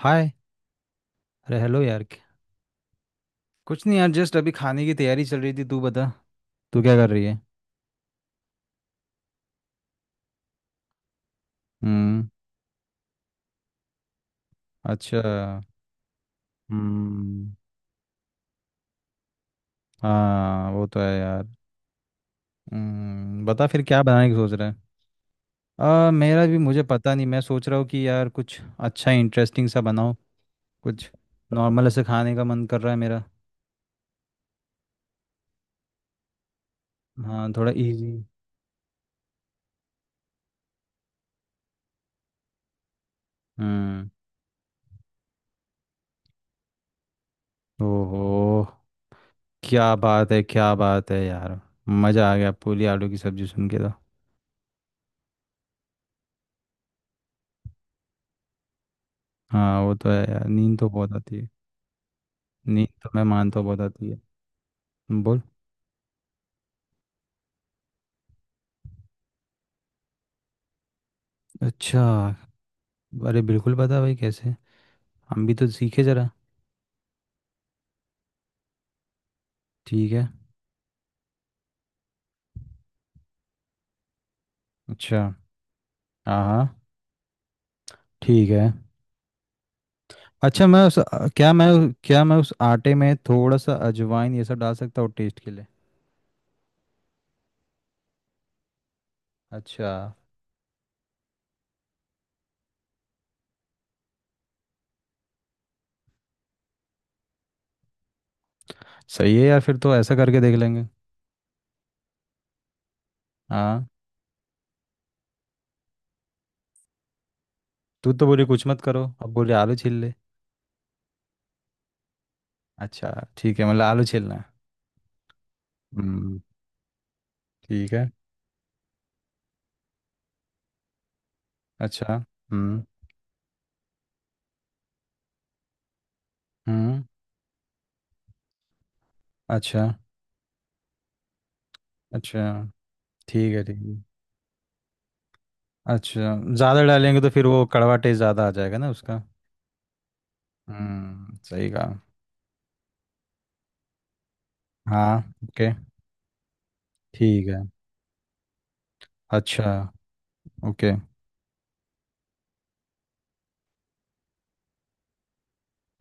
हाय। अरे हेलो यार कुछ नहीं यार जस्ट अभी खाने की तैयारी चल रही थी। तू बता, तू क्या कर रही है। हम्म। अच्छा। हम्म। हाँ वो तो है यार। हम्म, बता फिर क्या बनाने की सोच रहा है। मेरा भी मुझे पता नहीं, मैं सोच रहा हूँ कि यार कुछ अच्छा इंटरेस्टिंग सा बनाओ। कुछ नॉर्मल ऐसे खाने का मन कर रहा है मेरा। हाँ थोड़ा इजी। हम्म। ओहो, क्या बात है यार, मज़ा आ गया पूरी आलू की सब्जी सुन के तो। हाँ वो तो है यार, नींद तो बहुत आती है। नहीं तो मैं मानता हूँ बताती है। बोल। अच्छा। अरे बिल्कुल बता भाई कैसे, हम भी तो सीखे जरा। ठीक है। अच्छा। हाँ हाँ। ठीक है। अच्छा मैं उस क्या मैं क्या मैं उस आटे में थोड़ा सा अजवाइन ये सब डाल सकता हूँ टेस्ट के लिए। अच्छा। सही है यार, फिर तो ऐसा करके देख लेंगे। हाँ। तू तो बोली कुछ मत करो, अब बोली आलू छील ले। अच्छा, ठीक है, मतलब आलू छीलना है। हम्म। ठीक है। अच्छा। हम्म। हम्म। अच्छा अच्छा। ठीक है ठीक है। अच्छा, ज़्यादा डालेंगे तो फिर वो कड़वा टेस्ट ज़्यादा आ जाएगा ना उसका। हम्म, सही कहा। हाँ। ओके। ठीक है। अच्छा। ओके।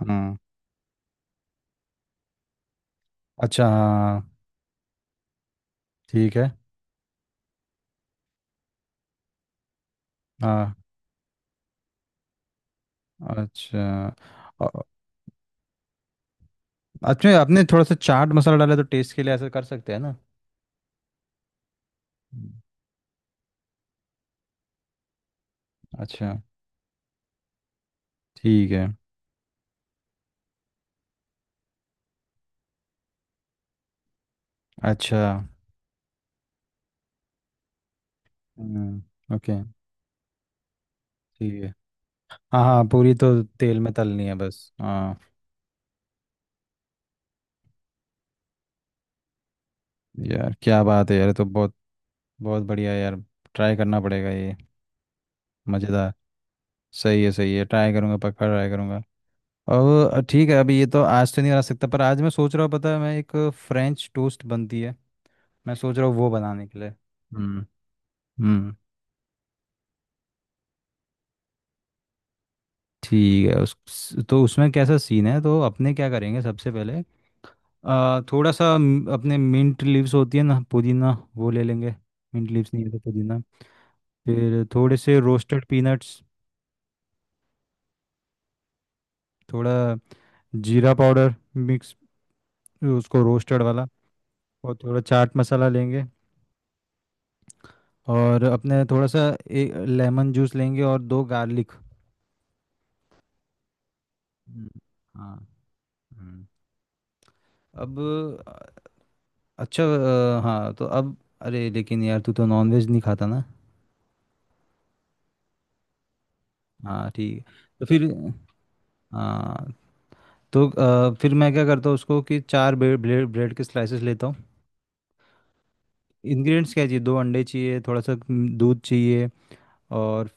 हम्म। अच्छा। हाँ। ठीक है। हाँ। अच्छा। अ- अच्छा आपने थोड़ा सा चाट मसाला डाला तो टेस्ट के लिए ऐसा कर सकते हैं ना। हम्म। अच्छा। ठीक है। अच्छा। हम्म। ओके। ठीक है। हाँ हाँ, पूरी तो तेल में तलनी है बस। हाँ यार क्या बात है यार, ये तो बहुत बहुत बढ़िया है यार। ट्राई करना पड़ेगा ये। मज़ेदार। सही है सही है, ट्राई करूंगा पक्का ट्राई करूंगा। अब ठीक है, अभी ये तो आज तो नहीं बना सकता, पर आज मैं सोच रहा हूँ पता है मैं एक फ्रेंच टोस्ट बनती है, मैं सोच रहा हूँ वो बनाने के लिए। हम्म। हम्म। ठीक है उस, तो उसमें कैसा सीन है, तो अपने क्या करेंगे सबसे पहले थोड़ा सा अपने मिंट लीव्स होती है ना पुदीना, वो ले लेंगे। मिंट लीव्स नहीं है तो पुदीना। फिर थोड़े से रोस्टेड पीनट्स, थोड़ा जीरा पाउडर मिक्स, उसको रोस्टेड वाला। और थोड़ा चाट मसाला लेंगे। और अपने थोड़ा सा एक लेमन जूस लेंगे और दो गार्लिक। हम्म। हाँ। हम्म। अब अ, अच्छा हाँ तो अब अरे लेकिन यार तू तो नॉनवेज नहीं खाता ना। हाँ ठीक है। तो फिर हाँ, तो फिर मैं क्या करता हूँ उसको कि चार ब्रेड ब्रेड के स्लाइसेस लेता हूँ। इंग्रेडिएंट्स क्या चाहिए, दो अंडे चाहिए, थोड़ा सा दूध चाहिए। और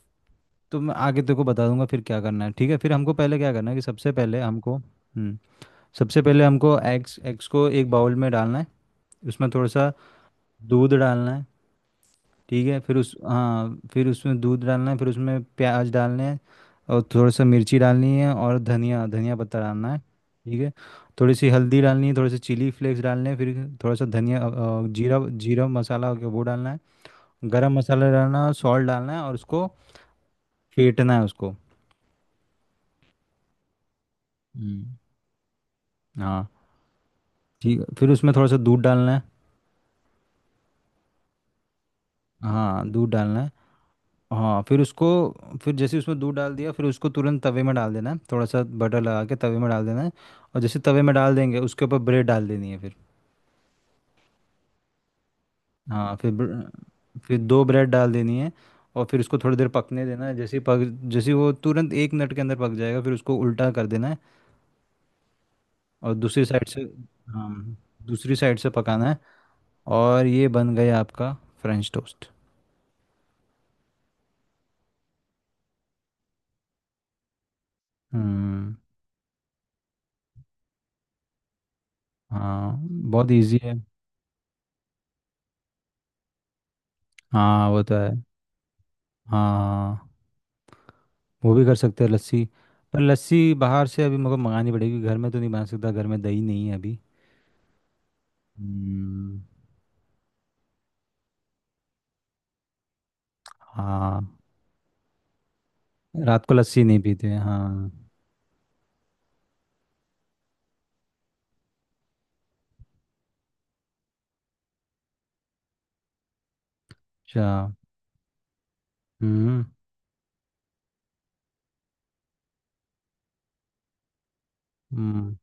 तो मैं आगे तेरे को बता दूंगा फिर क्या करना है, ठीक है। फिर हमको पहले क्या करना है कि सबसे पहले हमको, हम्म, सबसे पहले हमको एग्स एग्स को एक बाउल में डालना है। उसमें थोड़ा सा दूध डालना है। ठीक है फिर उस, हाँ फिर उसमें दूध डालना है, फिर उसमें प्याज डालने हैं और थोड़ा सा मिर्ची डालनी है और धनिया धनिया पत्ता डालना है। ठीक है। थोड़ी सी हल्दी डालनी है, थोड़े से चिली फ्लेक्स डालने हैं, फिर थोड़ा सा धनिया जीरा, जीरा मसाला हो गया वो डालना है। गरम मसाला डालना है, सॉल्ट डालना है, और उसको फेंटना है उसको। हम्म। हाँ ठीक है, फिर उसमें थोड़ा सा दूध डालना है। हाँ दूध डालना है। हाँ फिर उसको, फिर जैसे उसमें दूध डाल दिया, फिर उसको तुरंत तवे में डाल देना है थोड़ा सा बटर लगा के तवे में डाल देना है। और जैसे तवे में डाल देंगे उसके ऊपर ब्रेड डाल देनी है फिर। हाँ फिर फिर दो ब्रेड डाल देनी है, और फिर उसको थोड़ी देर पकने देना है। जैसे ही पक, जैसे ही वो तुरंत एक मिनट के अंदर पक जाएगा फिर उसको उल्टा कर देना है, और दूसरी साइड से, हाँ दूसरी साइड से पकाना है। और ये बन गया आपका फ्रेंच टोस्ट। हम्म। हाँ बहुत इजी है। हाँ वो तो है। हाँ वो भी कर सकते हैं लस्सी। पर लस्सी बाहर से अभी मुझे मंगानी पड़ेगी, घर में तो नहीं बना सकता, घर में दही नहीं है अभी। हम्म। हाँ। रात को लस्सी नहीं पीते हाँ। अच्छा। हम्म। हम्म।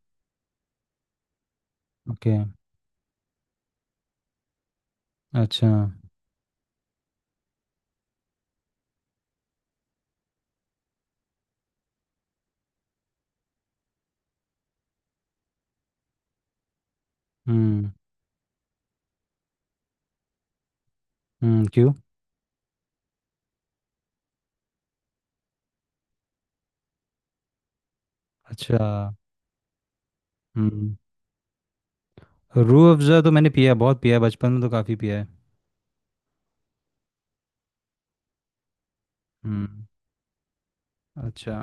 ओके। अच्छा। हम्म। क्यों। अच्छा। हम्म। रूह अफ़ज़ा तो मैंने पिया है, बहुत पिया है, बचपन में तो काफ़ी पिया है। हम्म। अच्छा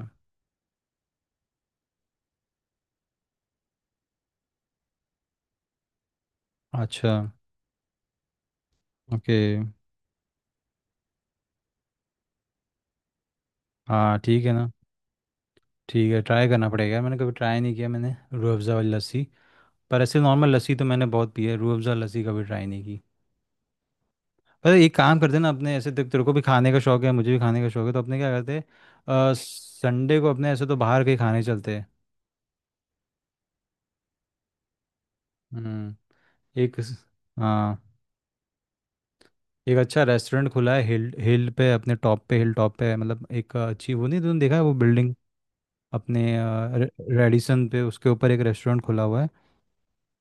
अच्छा। ओके। हाँ ठीक है ना। ठीक है ट्राई करना पड़ेगा, मैंने कभी ट्राई नहीं किया मैंने रूह अफ़ज़ा वाली लस्सी। पर ऐसे नॉर्मल लस्सी तो मैंने बहुत पी है, रूह अफ़ज़ा लस्सी कभी ट्राई नहीं की। पर एक काम करते हैं ना अपने, ऐसे देख तेरे को भी खाने का शौक है मुझे भी खाने का शौक है, तो अपने क्या करते हैं, संडे को अपने ऐसे तो बाहर कहीं खाने चलते हैं। हम्म। एक, हाँ एक अच्छा रेस्टोरेंट खुला है हिल हिल पे अपने टॉप पे, हिल टॉप पे, मतलब एक अच्छी वो, नहीं तुमने देखा है वो बिल्डिंग अपने रेडिसन पे, उसके ऊपर एक रेस्टोरेंट खुला हुआ है।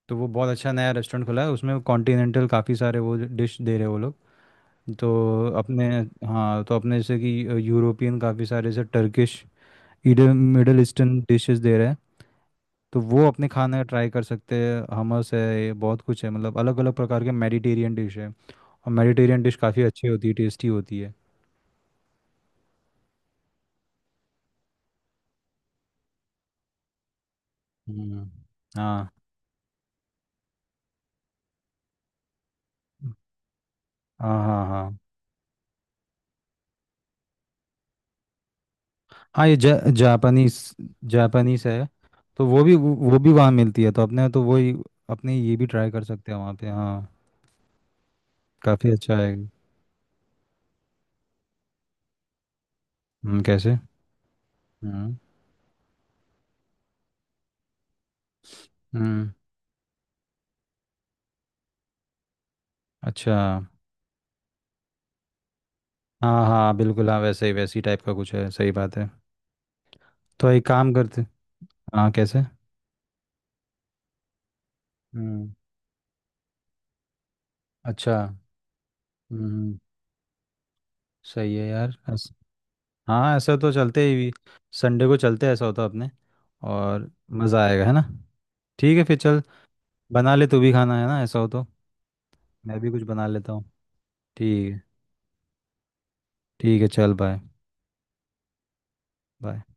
तो वो बहुत अच्छा नया रेस्टोरेंट खुला है, उसमें कॉन्टिनेंटल काफ़ी सारे वो डिश दे रहे हैं वो लोग। तो अपने, हाँ तो अपने जैसे कि यूरोपियन काफ़ी सारे जैसे टर्किश इडन मिडल ईस्टर्न डिशेस दे रहे हैं, तो वो अपने खाने का ट्राई कर सकते हैं। हमस है, ये बहुत कुछ है, मतलब अलग अलग प्रकार के मेडिटेरियन डिश है। और मेडिटेरियन डिश काफ़ी अच्छी होती है, टेस्टी होती है। हम्म। हाँ हाँ हाँ। हाँ हाँ ये जापानीस, जापानीस है। तो वो भी, वो भी वहाँ मिलती है तो अपने तो वही, अपने ये भी ट्राई कर सकते हैं वहाँ पे हाँ। काफ़ी अच्छा है। कैसे। हम्म। हम्म। अच्छा। हाँ हाँ बिल्कुल, हाँ वैसे ही वैसी टाइप का कुछ है, सही बात है। तो एक काम करते, हाँ कैसे। हम्म। अच्छा। हम्म। सही है यार ऐस, हाँ ऐसा तो चलते ही, संडे को चलते हैं, ऐसा होता अपने और मज़ा आएगा है ना। ठीक है फिर चल, बना ले तू भी खाना है ना ऐसा हो तो, मैं भी कुछ बना लेता हूँ। ठीक है ठीक है। चल बाय। बाय।